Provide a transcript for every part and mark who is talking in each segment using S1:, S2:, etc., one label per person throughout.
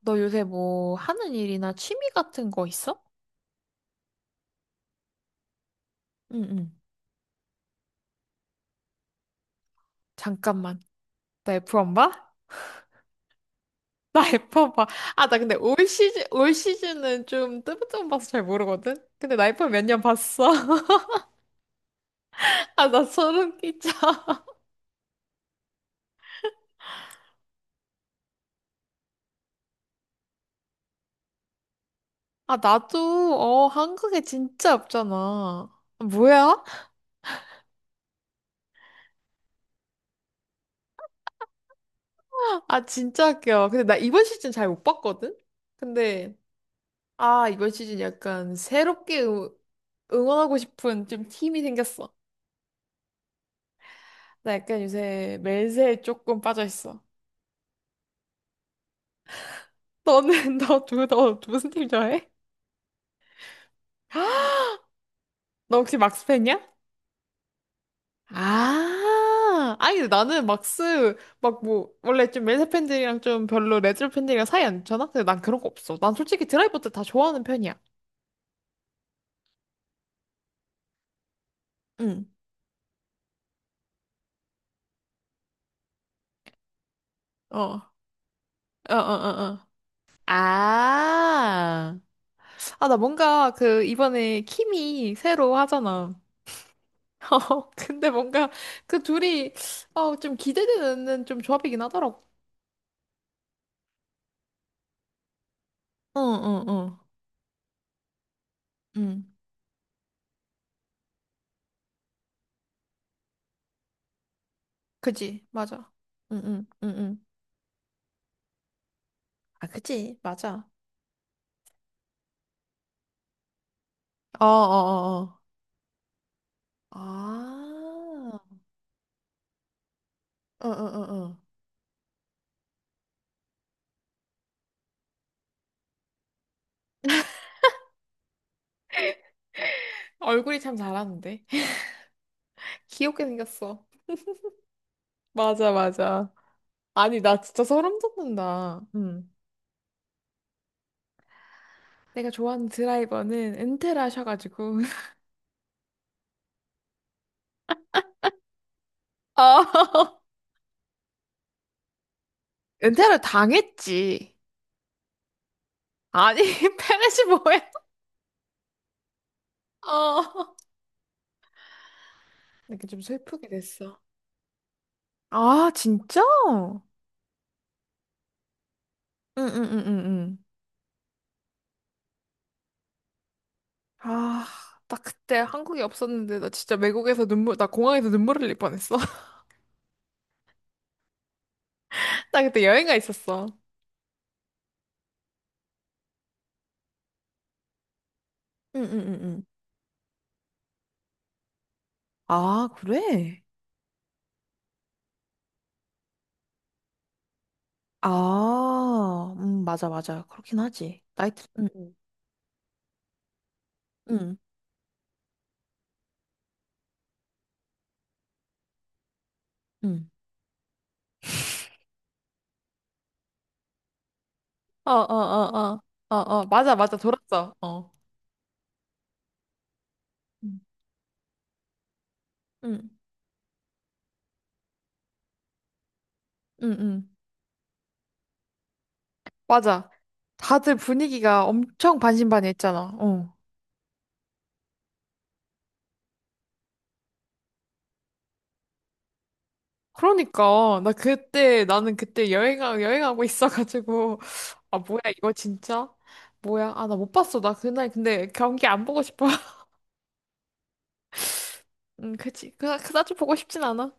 S1: 너 요새 뭐 하는 일이나 취미 같은 거 있어? 응, 응. 잠깐만. 나프원 봐? 나 F1 봐. 아, 나 근데 올 시즌은 좀 뜨문뜨문 봐서 잘 모르거든? 근데 나 F1 몇 년 봤어. 아, 나 소름 끼쳐. 아, 나도, 어, 한국에 진짜 없잖아. 아, 뭐야? 아, 진짜 웃겨. 근데 나 이번 시즌 잘 못 봤거든? 근데, 아, 이번 시즌 약간 새롭게 응원하고 싶은 좀 팀이 생겼어. 나 약간 요새 멜세에 조금 빠져 있어. 너는 너 무슨 팀 좋아해? 너 혹시 막스 팬이야? 아, 아니 나는 막스 막 뭐 원래 좀 멜세 팬들이랑 좀 별로 레드 팬들이랑 사이 안 좋잖아. 근데 난 그런 거 없어. 난 솔직히 드라이버들 다 좋아하는 편이야. 응. 어. 어, 어, 어, 어. 아. 아, 나 뭔가 그 이번에 킴이 새로 하잖아. 어, 근데 뭔가 그 둘이 어, 좀 기대되는 좀 조합이긴 하더라고. 어, 어, 어. 응. 그지. 맞아. 응, 응, 응, 응. 아, 그지. 맞아. 어, 어, 어, 어. 아. 어, 어, 어, 어. 얼굴이 참 잘하는데. 귀엽게 생겼어. 맞아, 맞아. 아니, 나 진짜 소름 돋는다. 응. 내가 좋아하는 드라이버는 은퇴를 하셔가지고. 아, 은퇴를 당했지. 아니, 페렛이 뭐야? 어. 이렇게 좀 슬프게 됐어. 아, 진짜? 응, 응, 응, 응, 응. 아, 나 그때 한국에 없었는데 나 진짜 외국에서 눈물, 나 공항에서 눈물 흘릴 뻔했어. 나 그때 여행가 있었어. 응응응응. 아, 그래? 아, 맞아, 맞아. 그렇긴 하지. 나이트, 응, 응, 응, 응, 어, 어, 어, 어, 어, 어, 맞아, 맞아, 돌았어. 어, 응, 응, 응. 응. 맞아. 다들 분위기가 엄청 반신반의했잖아. 어. 그러니까 나 그때 나는 그때 여행하고 있어가지고 아, 뭐야, 이거 진짜. 뭐야, 아, 나 못 봤어. 나 그날 근데 경기 안 보고 싶어. 음, 그치. 그나 그다지 보고 싶진 않아.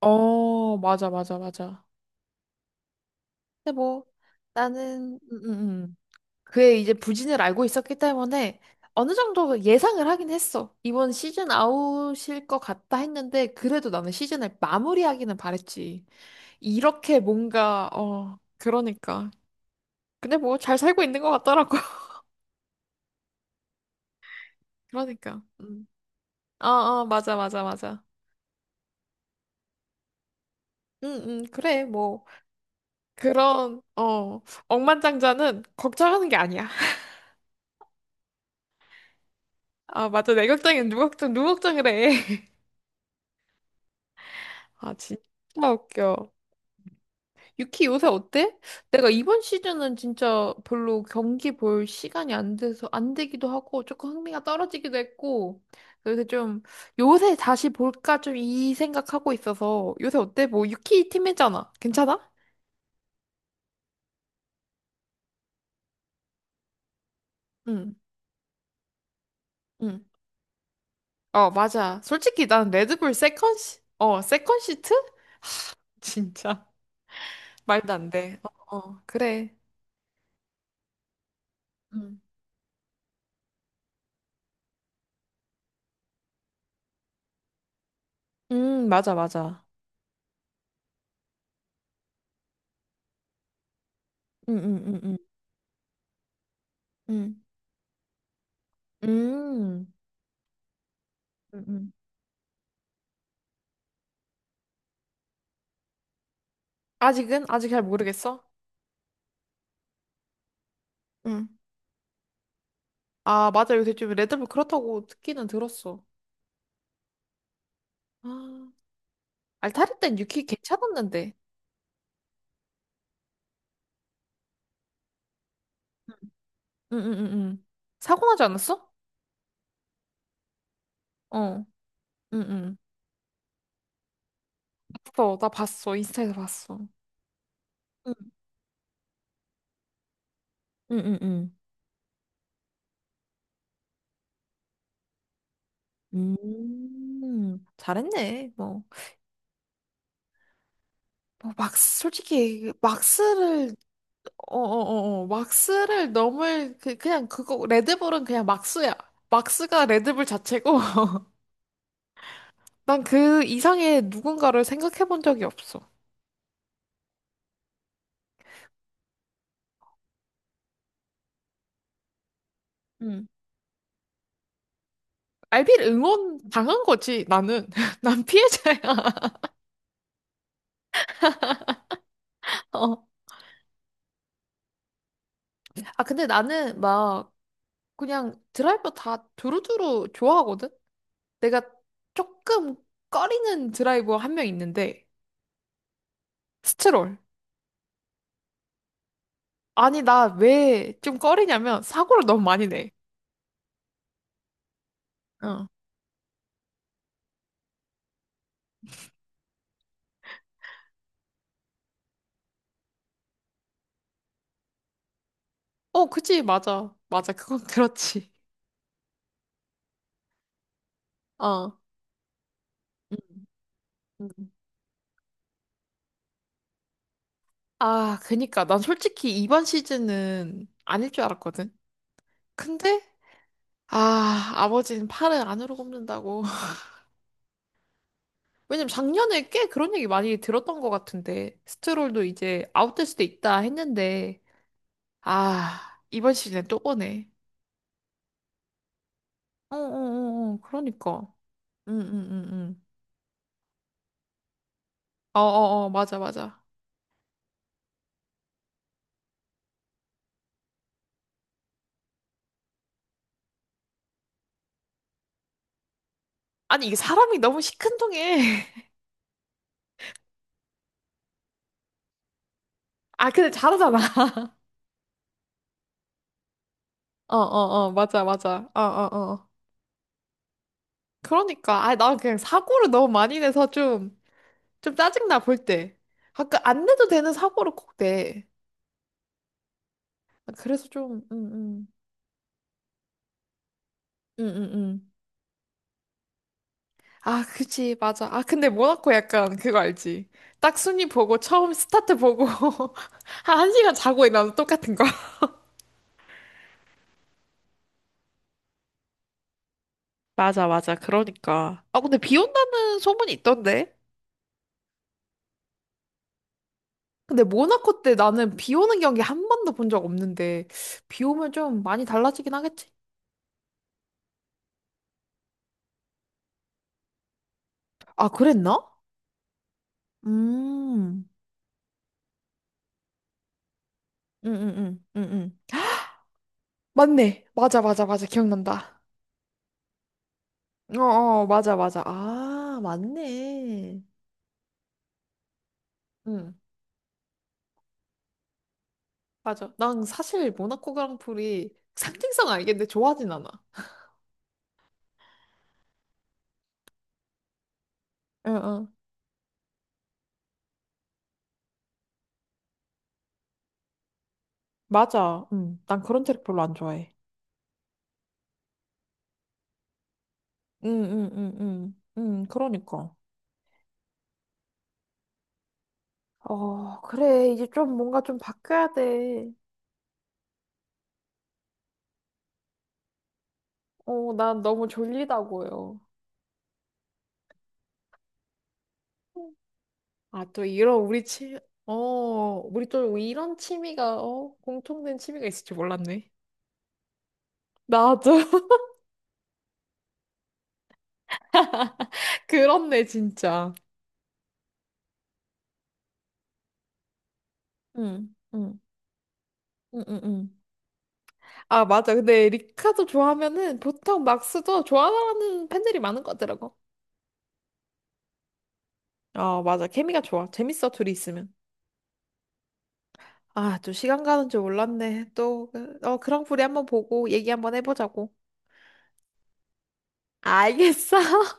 S1: 어, 맞아, 맞아, 맞아. 근데 뭐 나는 그의 이제 부진을 알고 있었기 때문에 어느 정도 예상을 하긴 했어. 이번 시즌 아웃일 것 같다 했는데, 그래도 나는 시즌을 마무리하기는 바랬지. 이렇게 뭔가 어 그러니까. 근데 뭐 잘 살고 있는 것 같더라고. 그러니까. 음. 어, 어, 맞아, 맞아, 맞아. 응, 응, 그래, 뭐. 그런, 어, 억만장자는 걱정하는 게 아니야. 아, 맞아. 내 걱정은 누 걱정, 누구 걱정이래. 아, 진짜 웃겨. 유키 요새 어때? 내가 이번 시즌은 진짜 별로 경기 볼 시간이 안 돼서, 안 되기도 하고, 조금 흥미가 떨어지기도 했고, 요새 좀, 요새 다시 볼까 좀 이 생각하고 있어서, 요새 어때? 뭐, 유키 팀이잖아. 괜찮아? 응. 응. 어, 맞아. 솔직히 난 레드불 세컨 시트? 진짜. 말도 안 돼. 어, 어, 그래. 응. 맞아, 맞아. 응, 응, 응, 응. 응. 음. 응, 응. 아직은? 아직 잘 모르겠어? 응. 아, 맞아. 요새 좀 레드불 그렇다고 듣기는 들었어. 아, 알타리 땐 유키 괜찮았는데. 응, 응, 응, 응. 사고 나지 않았어? 어. 응, 응. 봤어. 나 봤어. 인스타에서 봤어. 응, 응, 응. 응. 잘했네. 뭐, 뭐 막스 솔직히 막스를 어어어 막스를 넘을 그, 그냥 그거 레드불은 그냥 막스야. 막스가 레드불 자체고. 난 그 이상의 누군가를 생각해 본 적이 없어. 음. 알비를 응원 당한 거지, 나는. 난 피해자야. 어. 아, 근데 나는 막 그냥 드라이버 다 두루두루 좋아하거든? 내가 조금 꺼리는 드라이버 한 명 있는데, 스트롤. 아니, 나 왜 좀 꺼리냐면, 사고를 너무 많이 내. 어. 어, 그치, 맞아. 맞아, 그건 그렇지. 어. 음, 음. 아, 그니까. 난 솔직히 이번 시즌은 아닐 줄 알았거든. 근데, 아, 아버지는 팔을 안으로 굽는다고. 왜냐면 작년에 꽤 그런 얘기 많이 들었던 것 같은데. 스트롤도 이제 아웃될 수도 있다 했는데, 아, 이번 시즌에 또 보네. 어어어어, 그러니까. 응, 응, 응, 응. 어어어, 맞아, 맞아. 아니, 이게 사람이 너무 시큰둥해. 아, 근데 잘하잖아. 어, 어, 어, 맞아, 맞아. 어, 어, 어. 그러니까. 아, 나 그냥 사고를 너무 많이 내서 좀, 좀 짜증나, 볼 때. 가끔 안 내도 되는 사고를 꼭 내. 아, 그래서 좀, 음, 음, 음. 아, 그치, 맞아. 아, 근데 모나코 약간 그거 알지? 딱 순위 보고, 처음 스타트 보고, 한, 한 시간 자고 일어나는 똑같은 거. 맞아, 맞아. 그러니까. 아, 근데 비 온다는 소문이 있던데? 근데 모나코 때 나는 비 오는 경기 한 번도 본 적 없는데, 비 오면 좀 많이 달라지긴 하겠지? 아, 그랬나? 음. 응, 응, 응, 응, 응. 맞네. 맞아, 맞아, 맞아. 기억난다. 어, 어, 맞아, 맞아. 아, 맞네. 응, 맞아. 난 사실 모나코 그랑프리 상징성 알겠는데 좋아하진 않아. 응, 응. 맞아. 응. 난 그런 트랙 별로 안 좋아해. 응, 응, 응, 응. 응, 그러니까. 어, 그래. 이제 좀 뭔가 좀 바뀌어야 돼. 어, 난 너무 졸리다고요. 아, 또 이런 우리 취미, 어, 우리 또 이런 취미가, 어, 공통된 취미가 있을 줄 몰랐네. 나도. 그렇네, 진짜. 응, 응, 응, 응, 응. 아, 맞아. 근데 리카도 좋아하면은 보통 막스도 좋아하는 팬들이 많은 것 같더라고. 어, 맞아. 케미가 좋아. 재밌어, 둘이 있으면. 아, 또 시간 가는 줄 몰랐네. 또, 어, 그랑프리 한번 보고 얘기 한번 해보자고. 알겠어.